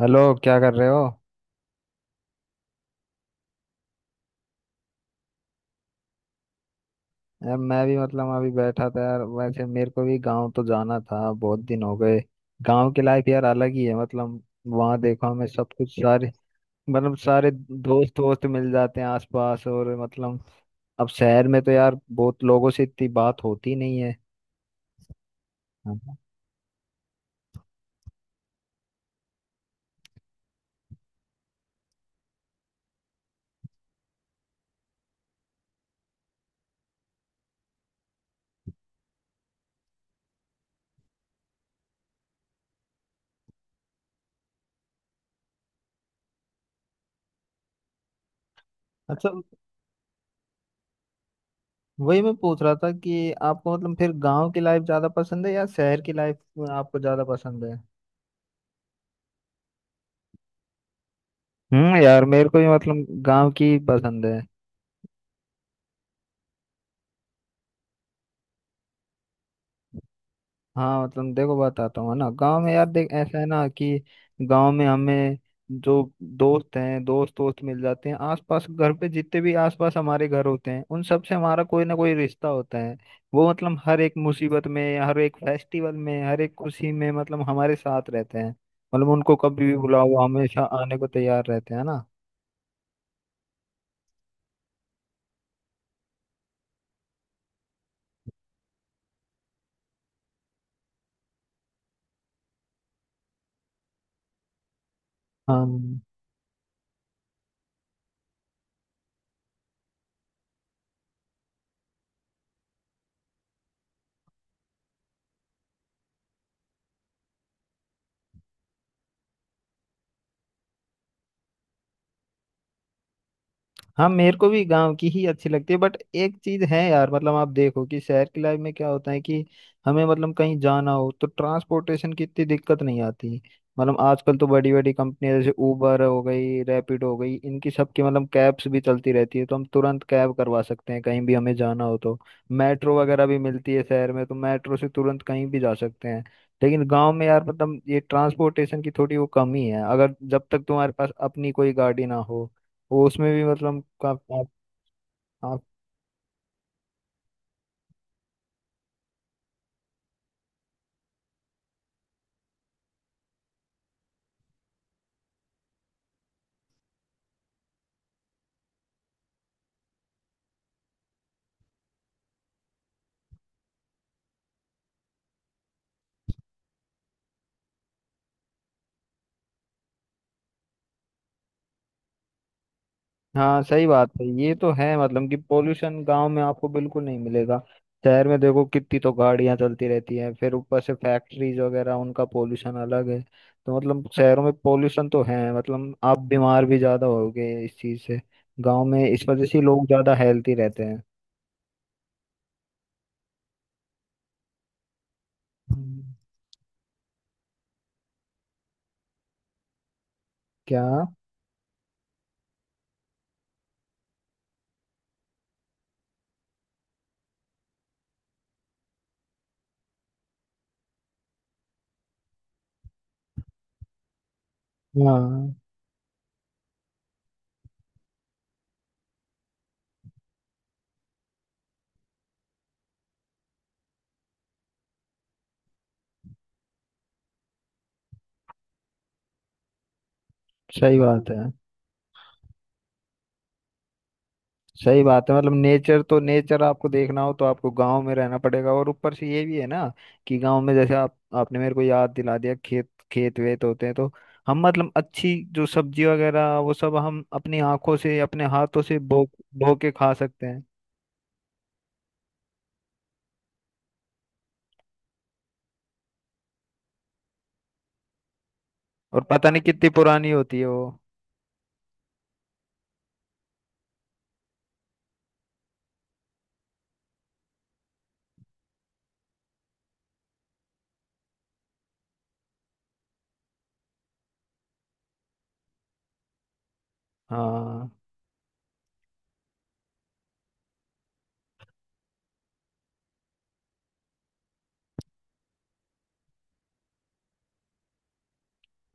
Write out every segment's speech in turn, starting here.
Hello, क्या कर रहे हो? यार मैं भी मतलब अभी बैठा था। यार वैसे मेरे को भी गांव तो जाना था, बहुत दिन हो गए। गांव की लाइफ यार अलग ही है मतलब। वहाँ देखो हमें सब कुछ सारे, मतलब सारे दोस्त दोस्त मिल जाते हैं आसपास, और मतलब अब शहर में तो यार बहुत लोगों से इतनी बात होती नहीं है। हाँ। अच्छा। वही मैं पूछ रहा था कि आपको मतलब फिर गांव की लाइफ ज्यादा पसंद है या शहर की लाइफ आपको ज्यादा पसंद है? यार मेरे को भी मतलब गांव की पसंद है। हाँ मतलब देखो बताता हूँ, है ना, गांव में यार देख ऐसा है ना कि गांव में हमें जो दोस्त हैं, दोस्त दोस्त मिल जाते हैं आसपास। घर पे जितने भी आसपास हमारे घर होते हैं, उन सब से हमारा कोई ना कोई रिश्ता होता है। वो मतलब हर एक मुसीबत में, हर एक फेस्टिवल में, हर एक खुशी में मतलब हमारे साथ रहते हैं। मतलब उनको कभी भी बुलाओ, वो हमेशा आने को तैयार रहते हैं ना। हाँ, हाँ मेरे को भी गांव की ही अच्छी लगती है, बट एक चीज है यार, मतलब आप देखो कि शहर की लाइफ में क्या होता है कि हमें मतलब कहीं जाना हो तो ट्रांसपोर्टेशन की इतनी दिक्कत नहीं आती। मतलब आजकल तो बड़ी बड़ी कंपनियां जैसे उबर हो गई, रैपिड हो गई, इनकी सबकी मतलब कैब्स भी चलती रहती है, तो हम तुरंत कैब करवा सकते हैं कहीं भी हमें जाना हो तो। मेट्रो वगैरह भी मिलती है शहर में तो, मेट्रो से तुरंत कहीं भी जा सकते हैं। लेकिन गांव में यार मतलब ये ट्रांसपोर्टेशन की थोड़ी वो कमी है अगर जब तक तुम्हारे पास अपनी कोई गाड़ी ना हो। वो उसमें भी मतलब का, आप। हाँ सही बात है, ये तो है मतलब कि पोल्यूशन गांव में आपको बिल्कुल नहीं मिलेगा। शहर में देखो कितनी तो गाड़ियां चलती रहती हैं, फिर ऊपर से फैक्ट्रीज वगैरह, उनका पोल्यूशन अलग है। तो मतलब शहरों में पोल्यूशन तो है मतलब, आप बीमार भी ज्यादा होगे इस चीज से। गांव में इस वजह से लोग ज्यादा हेल्थी रहते हैं। हम्म। क्या? हाँ सही बात है। सही बात है मतलब, नेचर तो नेचर आपको देखना हो तो आपको गांव में रहना पड़ेगा, और ऊपर से ये भी है ना कि गांव में जैसे आप, आपने मेरे को याद दिला दिया, खेत खेत वेत होते हैं तो हम मतलब अच्छी जो सब्जी वगैरह वो सब हम अपनी आंखों से अपने हाथों से बो बो के खा सकते हैं। और पता नहीं कितनी पुरानी होती है वो। हाँ।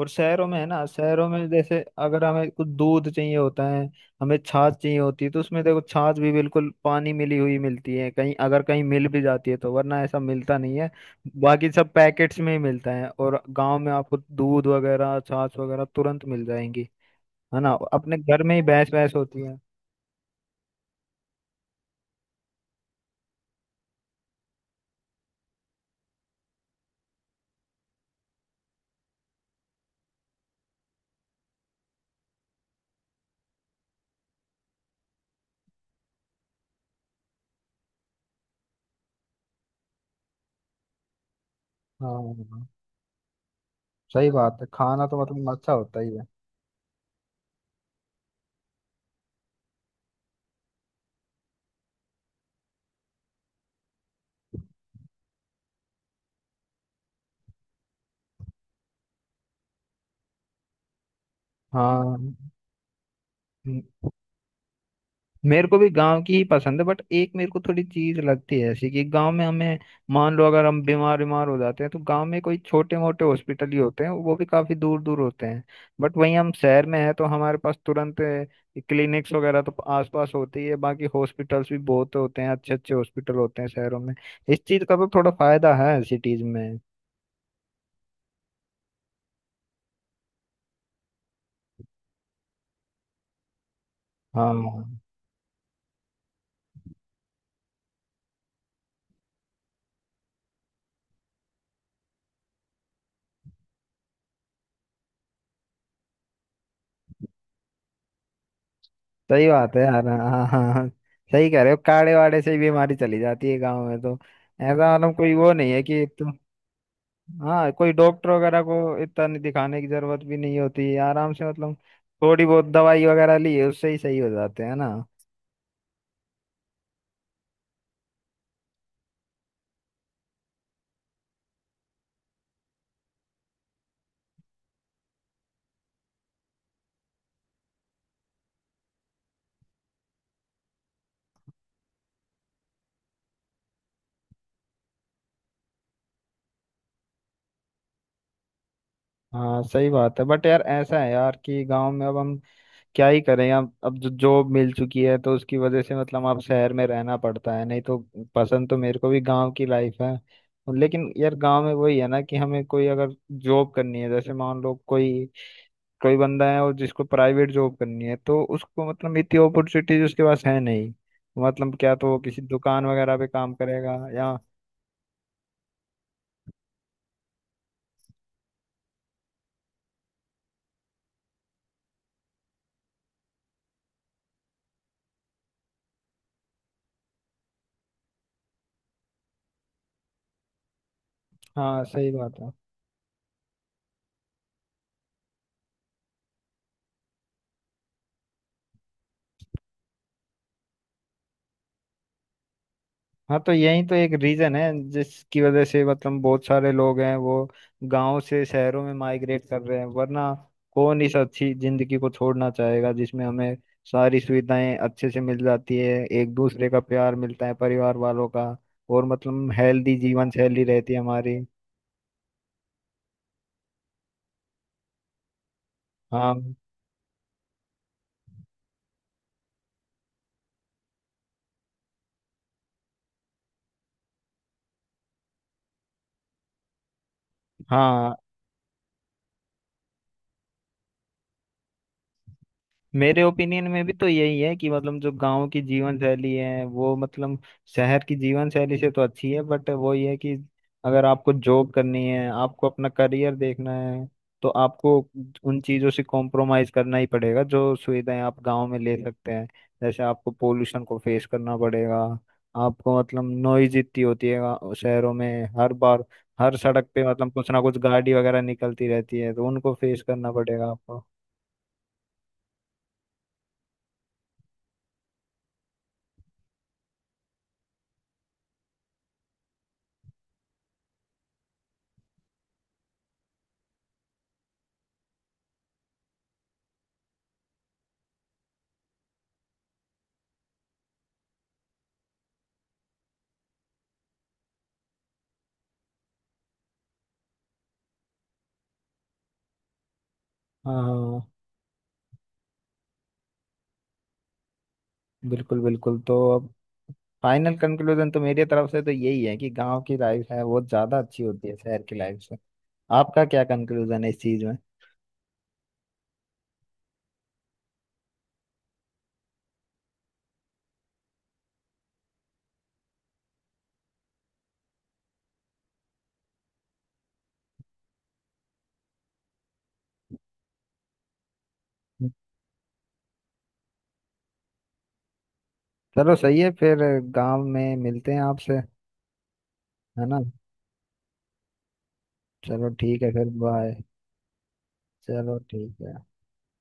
और शहरों में है ना, शहरों में जैसे अगर हमें कुछ दूध चाहिए होता है, हमें छाछ चाहिए होती है, तो उसमें देखो छाछ भी बिल्कुल पानी मिली हुई मिलती है कहीं, अगर कहीं मिल भी जाती है तो, वरना ऐसा मिलता नहीं है। बाकी सब पैकेट्स में ही मिलता है, और गांव में आपको दूध वगैरह छाछ वगैरह तुरंत मिल जाएंगी। है ना, अपने घर में ही भैंस भैंस होती है। हाँ सही बात है, खाना तो मतलब अच्छा होता ही है। हाँ मेरे को भी गांव की ही पसंद है, बट एक मेरे को थोड़ी चीज लगती है ऐसी कि गांव में हमें मान लो अगर हम बीमार बीमार हो जाते हैं तो गांव में कोई छोटे मोटे हॉस्पिटल ही होते हैं, वो भी काफी दूर दूर होते हैं। बट वहीं हम शहर में हैं तो हमारे पास तुरंत क्लिनिक्स वगैरह तो आसपास होते ही है, बाकी हॉस्पिटल्स भी बहुत होते हैं, अच्छे अच्छे हॉस्पिटल होते हैं शहरों में। इस चीज का तो थोड़ा फायदा है सिटीज में। हाँ सही बात है यार, हाँ हाँ हाँ। सही कह रहे हो, काड़े वाड़े से ही बीमारी चली जाती है गाँव में तो, ऐसा मतलब कोई वो नहीं है कि तुम। हाँ, कोई डॉक्टर वगैरह को इतना नहीं दिखाने की जरूरत भी नहीं होती है, आराम से मतलब थोड़ी बहुत दवाई वगैरह ली है, उससे ही सही हो जाते हैं ना। हाँ सही बात है, बट यार ऐसा है यार कि गांव में अब हम क्या ही करें, अब जो जॉब मिल चुकी है तो उसकी वजह से मतलब अब शहर में रहना पड़ता है, नहीं तो पसंद तो मेरे को भी गांव की लाइफ है। लेकिन यार गांव में वही है ना कि हमें कोई अगर जॉब करनी है, जैसे मान लो कोई, कोई बंदा है और जिसको प्राइवेट जॉब करनी है तो उसको मतलब इतनी अपॉर्चुनिटीज उसके पास है नहीं। मतलब क्या, तो वो किसी दुकान वगैरह पे काम करेगा या। हाँ सही बात है। हाँ तो यही तो एक रीजन है जिसकी वजह से मतलब बहुत सारे लोग हैं वो गांव से शहरों में माइग्रेट कर रहे हैं, वरना कौन इस अच्छी जिंदगी को छोड़ना चाहेगा जिसमें हमें सारी सुविधाएं अच्छे से मिल जाती है, एक दूसरे का प्यार मिलता है परिवार वालों का, और मतलब हेल्दी जीवन शैली रहती है हमारी। हाँ हाँ। मेरे ओपिनियन में भी तो यही है कि मतलब जो गांव की जीवन शैली है वो मतलब शहर की जीवन शैली से तो अच्छी है, बट वो ये है कि अगर आपको जॉब करनी है, आपको अपना करियर देखना है, तो आपको उन चीज़ों से कॉम्प्रोमाइज करना ही पड़ेगा जो सुविधाएं आप गांव में ले सकते हैं। जैसे आपको पोल्यूशन को फेस करना पड़ेगा, आपको मतलब नॉइज इतनी होती है शहरों में, हर बार हर सड़क पे मतलब कुछ ना कुछ गाड़ी वगैरह निकलती रहती है तो उनको फेस करना पड़ेगा आपको। हाँ हाँ। बिल्कुल बिल्कुल, तो अब फाइनल कंक्लूजन तो मेरी तरफ से तो यही है कि गांव की लाइफ है वो ज्यादा अच्छी होती है शहर की लाइफ से। आपका क्या कंक्लूजन है इस चीज में? चलो सही है फिर, गांव में मिलते हैं आपसे, है ना। चलो ठीक है फिर, बाय। चलो ठीक है।